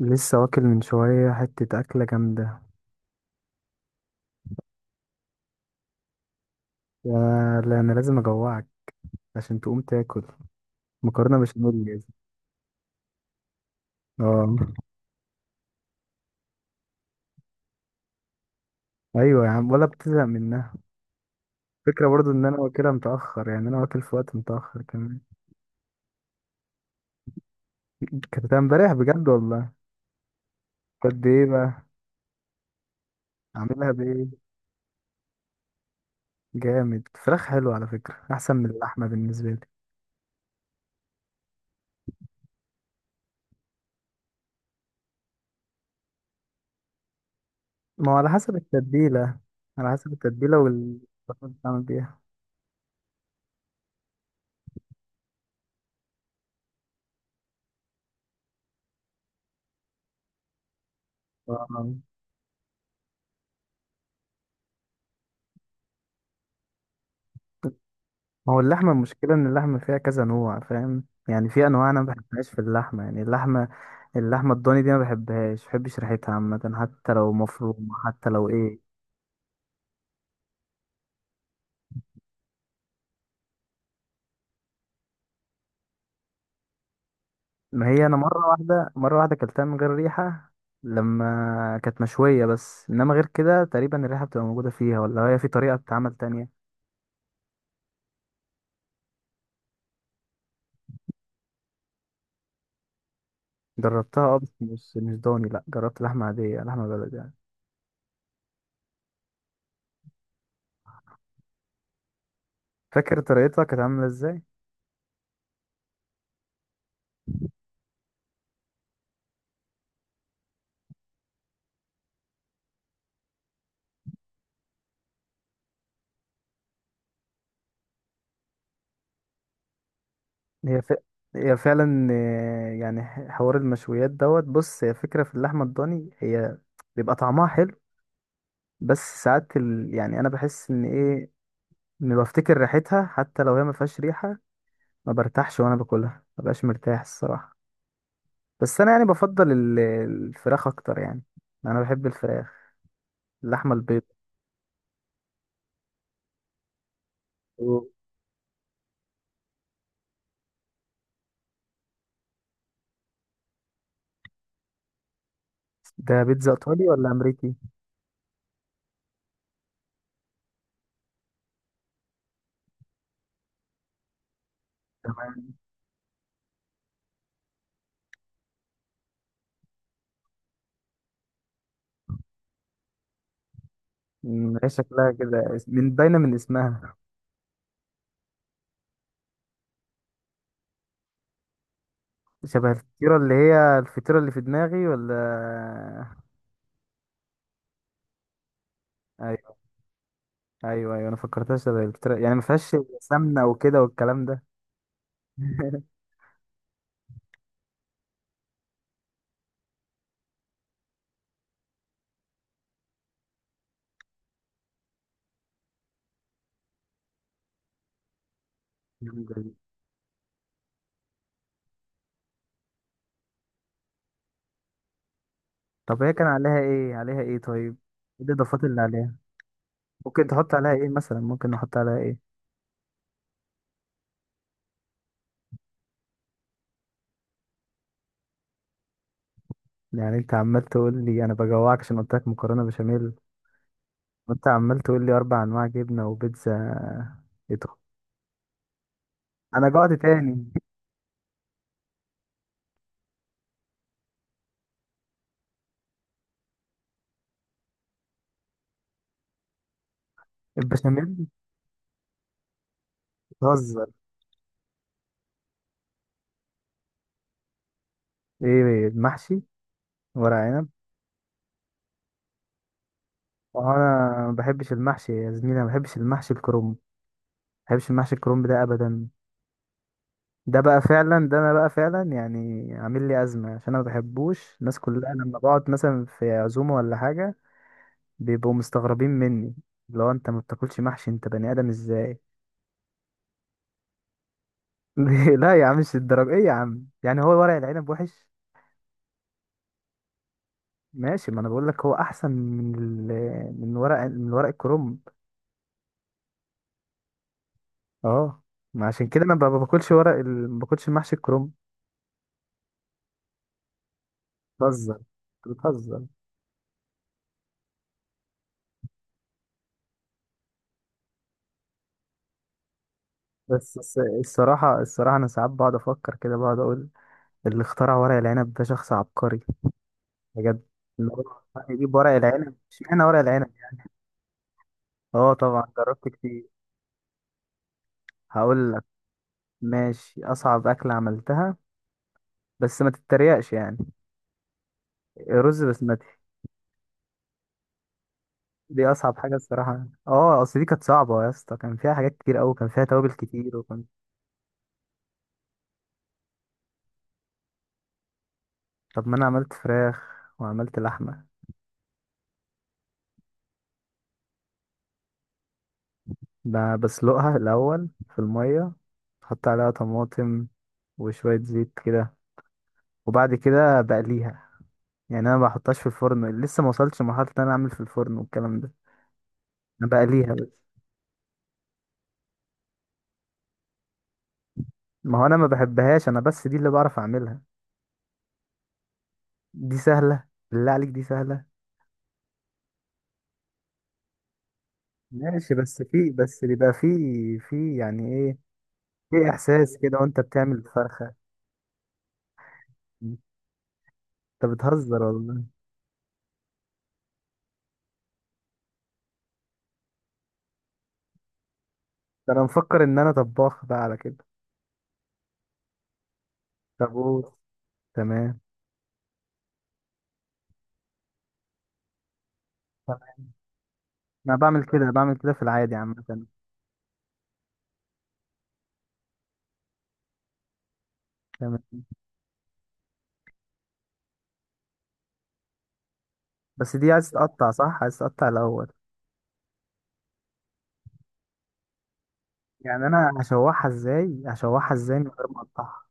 لسه واكل من شوية حتة أكلة جامدة. يا لا، أنا لازم أجوعك عشان تقوم تاكل. مكرونة بشاميل لازم. اه. أيوة يا عم، ولا بتزهق منها. فكرة برضو إن أنا واكلها متأخر، يعني أنا واكل في وقت متأخر كمان. كانت امبارح بجد والله. قد إيه بقى؟ عاملها بإيه؟ جامد. فراخ حلو على فكرة، أحسن من اللحمة بالنسبة لي. ما هو على حسب التتبيلة. على حسب التتبيلة والبصل بتعمل بيها. آه. ما هو اللحمة المشكلة إن اللحمة فيها كذا نوع، فاهم؟ يعني في أنواع أنا ما بحبهاش في اللحمة، يعني اللحمة الضاني دي ما بحبهاش، ما بحبش ريحتها عامة، حتى لو مفرومة، حتى لو إيه. ما هي أنا مرة واحدة أكلتها من غير ريحة، لما كانت مشوية. بس إنما غير كده تقريبا الريحة بتبقى موجودة فيها، ولا هي في طريقة بتتعمل تانية؟ جربتها أه، بس مش ضاني، لأ. جربت لحمة عادية، لحمة بلدي يعني. فاكر طريقتها كانت عاملة إزاي؟ هي ف... هي فعلا آه، يعني حوار المشويات دوت. بص، هي فكرة في اللحمة الضاني، هي بيبقى طعمها حلو. بس ساعات يعني انا بحس ان ايه، اني بفتكر ريحتها حتى لو هي ما فيهاش ريحة. ما برتاحش وانا باكلها، ما بقاش مرتاح الصراحة. بس انا يعني بفضل الفراخ اكتر يعني. انا بحب الفراخ. اللحمة البيض. ده بيتزا ايطالي ولا امريكي؟ تمام. مم، هي شكلها كده من باينة من اسمها. شبه الفطيرة اللي هي الفطيرة اللي في دماغي، ولا؟ ايوه. ايوه ايوه، انا فكرتها شبه الفطيرة، يعني ما فيهاش سمنة وكده والكلام ده. جامدة دي. طب هي كان عليها ايه طيب؟ ايه الاضافات اللي عليها؟ ممكن تحط عليها ايه مثلا، ممكن نحط عليها ايه؟ يعني انت عمال تقول لي انا بجوعك عشان قلت لك مكرونة بشاميل، وانت عمال تقول لي اربع انواع جبنة وبيتزا. ايه طب. انا جوعت تاني. البشاميل. بتهزر. ايه المحشي؟ ورق عنب. انا ما بحبش المحشي يا زميلي، أنا ما بحبش المحشي الكرنب ده ابدا. ده بقى فعلا، ده انا بقى فعلا يعني عامل لي ازمه، عشان انا ما بحبوش الناس كلها لما بقعد مثلا في عزومه ولا حاجه. بيبقوا مستغربين مني. لو انت ما بتاكلش محشي انت بني ادم ازاي؟ لا يا عم، مش الدرجه. ايه يا عم، يعني هو ورق العنب وحش؟ ماشي، ما انا بقول لك هو احسن من من ورق الكرنب اه، ما عشان كده انا ما باكلش ما باكلش محشي الكرنب. بتهزر. أنت بتهزر. بس الصراحة أنا ساعات بقعد أفكر كده، بقعد أقول اللي اخترع ورق العنب ده شخص عبقري، بجد. إن هو يعني يجيب ورق العنب، اشمعنى ورق العنب؟ أه طبعا، جربت كتير. هقول لك، ماشي. أصعب أكلة عملتها، بس ما تتريقش يعني. رز بسمتي. دي أصعب حاجة الصراحة، أه، أصل دي كانت صعبة يا اسطى، كان فيها حاجات كتير أوي، كان فيها توابل كتير وكان. طب ما أنا عملت فراخ وعملت لحمة. بسلقها الأول في المية، أحط عليها طماطم وشوية زيت كده، وبعد كده بقليها. يعني انا ما بحطهاش في الفرن، لسه ما وصلتش لمرحله ان انا اعمل في الفرن والكلام ده. انا بقليها بس. ما هو انا ما بحبهاش، انا بس دي اللي بعرف اعملها. دي سهله؟ بالله عليك دي سهله. ماشي، بس في بس بيبقى في في يعني ايه، في احساس كده وانت بتعمل الفرخه. انت بتهزر والله. ده انا مفكر ان انا طباخ بقى على كده. طب قول. تمام. انا بعمل كده، بعمل كده في العادي عامه. تمام. بس دي عايز تقطع، صح؟ عايز تقطع الاول. يعني انا هشوحها ازاي، هشوحها ازاي من غير ما اقطعها؟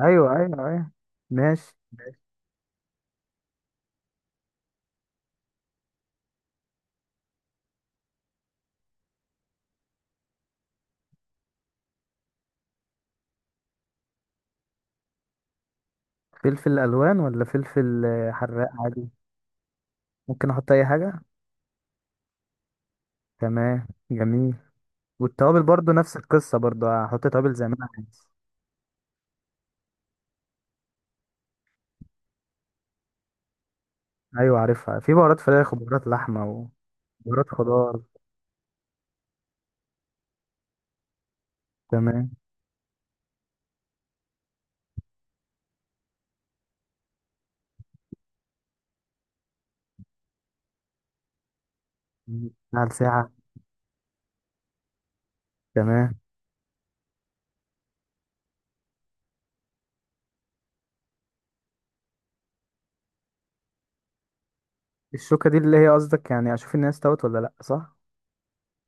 ايوه ايوه ايوه. ماشي. فلفل الوان ولا فلفل آه، حراق عادي؟ ممكن احط اي حاجه. تمام جميل. والتوابل برضو نفس القصه، برضو هحط توابل زي ما انا عايز. ايوه عارفها، في بهارات فراخ وبهارات لحمه وبهارات خضار. تمام. على ساعه؟ تمام. الشوكه دي اللي هي قصدك، يعني اشوف الناس استوت ولا لا، صح؟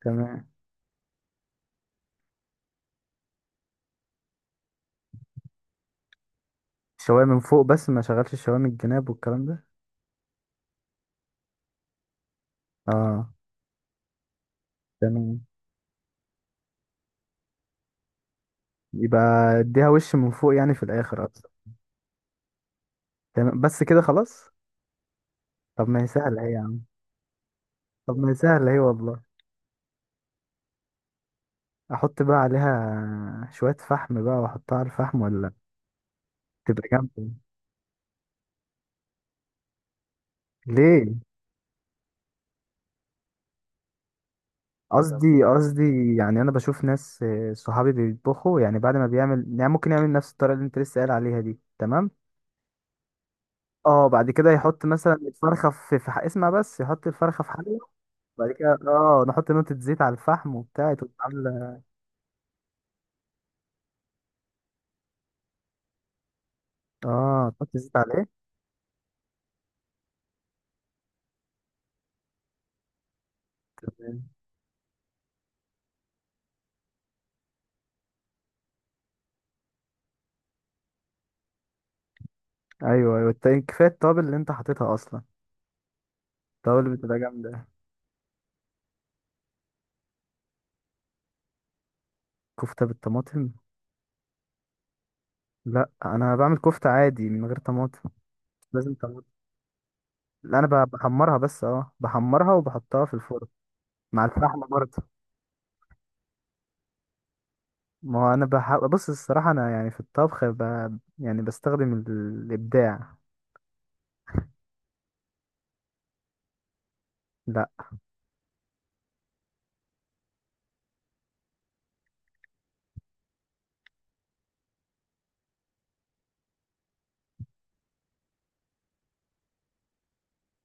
تمام. الشوايه من فوق بس، ما شغلش الشوايه من الجناب والكلام ده؟ اه. تمام. يبقى اديها وش من فوق يعني في الاخر اصلا. تمام بس كده خلاص؟ طب ما هي سهله اهي يا عم. طب ما هي سهله اهي والله. احط بقى عليها شويه فحم بقى، واحطها على الفحم ولا؟ تبقى جامده. ليه؟ قصدي يعني انا بشوف ناس آه، صحابي بيطبخوا يعني، بعد ما بيعمل يعني ممكن يعمل نفس الطريقه اللي انت لسه قايل عليها دي، تمام؟ اه بعد كده يحط مثلا الفرخه اسمع بس، يحط الفرخه في حله. بعد كده اه نحط نقطه زيت على الفحم وبتاع، تبقى عامله. اه تحط زيت عليه. ايوه ايوه، التاني كفايه التوابل اللي انت حاططها اصلا. التوابل بتبقى جامده. كفته بالطماطم؟ لا انا بعمل كفته عادي من غير طماطم. لازم طماطم. لا انا بحمرها بس، اه بحمرها وبحطها في الفرن. مع الفحم برضه؟ ما هو انا بص، الصراحه انا يعني في الطبخ يعني بستخدم الابداع. لا.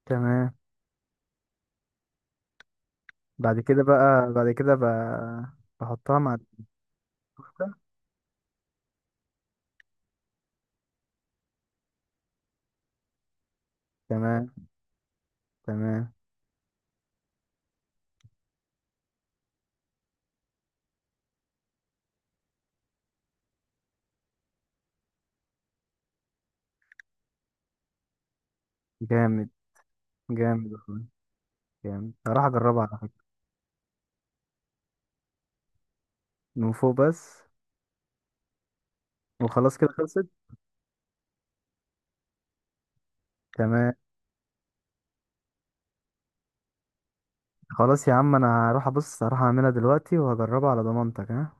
تمام. بعد كده بقى، بعد كده بحطها مع الكفته. تمام. تمام. جامد. جامد والله، جامد. هروح اجربها على فكره. من فوق بس. وخلاص كده خلصت؟ تمام. خلاص يا عم، انا هروح ابص، هروح اعملها دلوقتي وهجربها على ضمانتك، ها.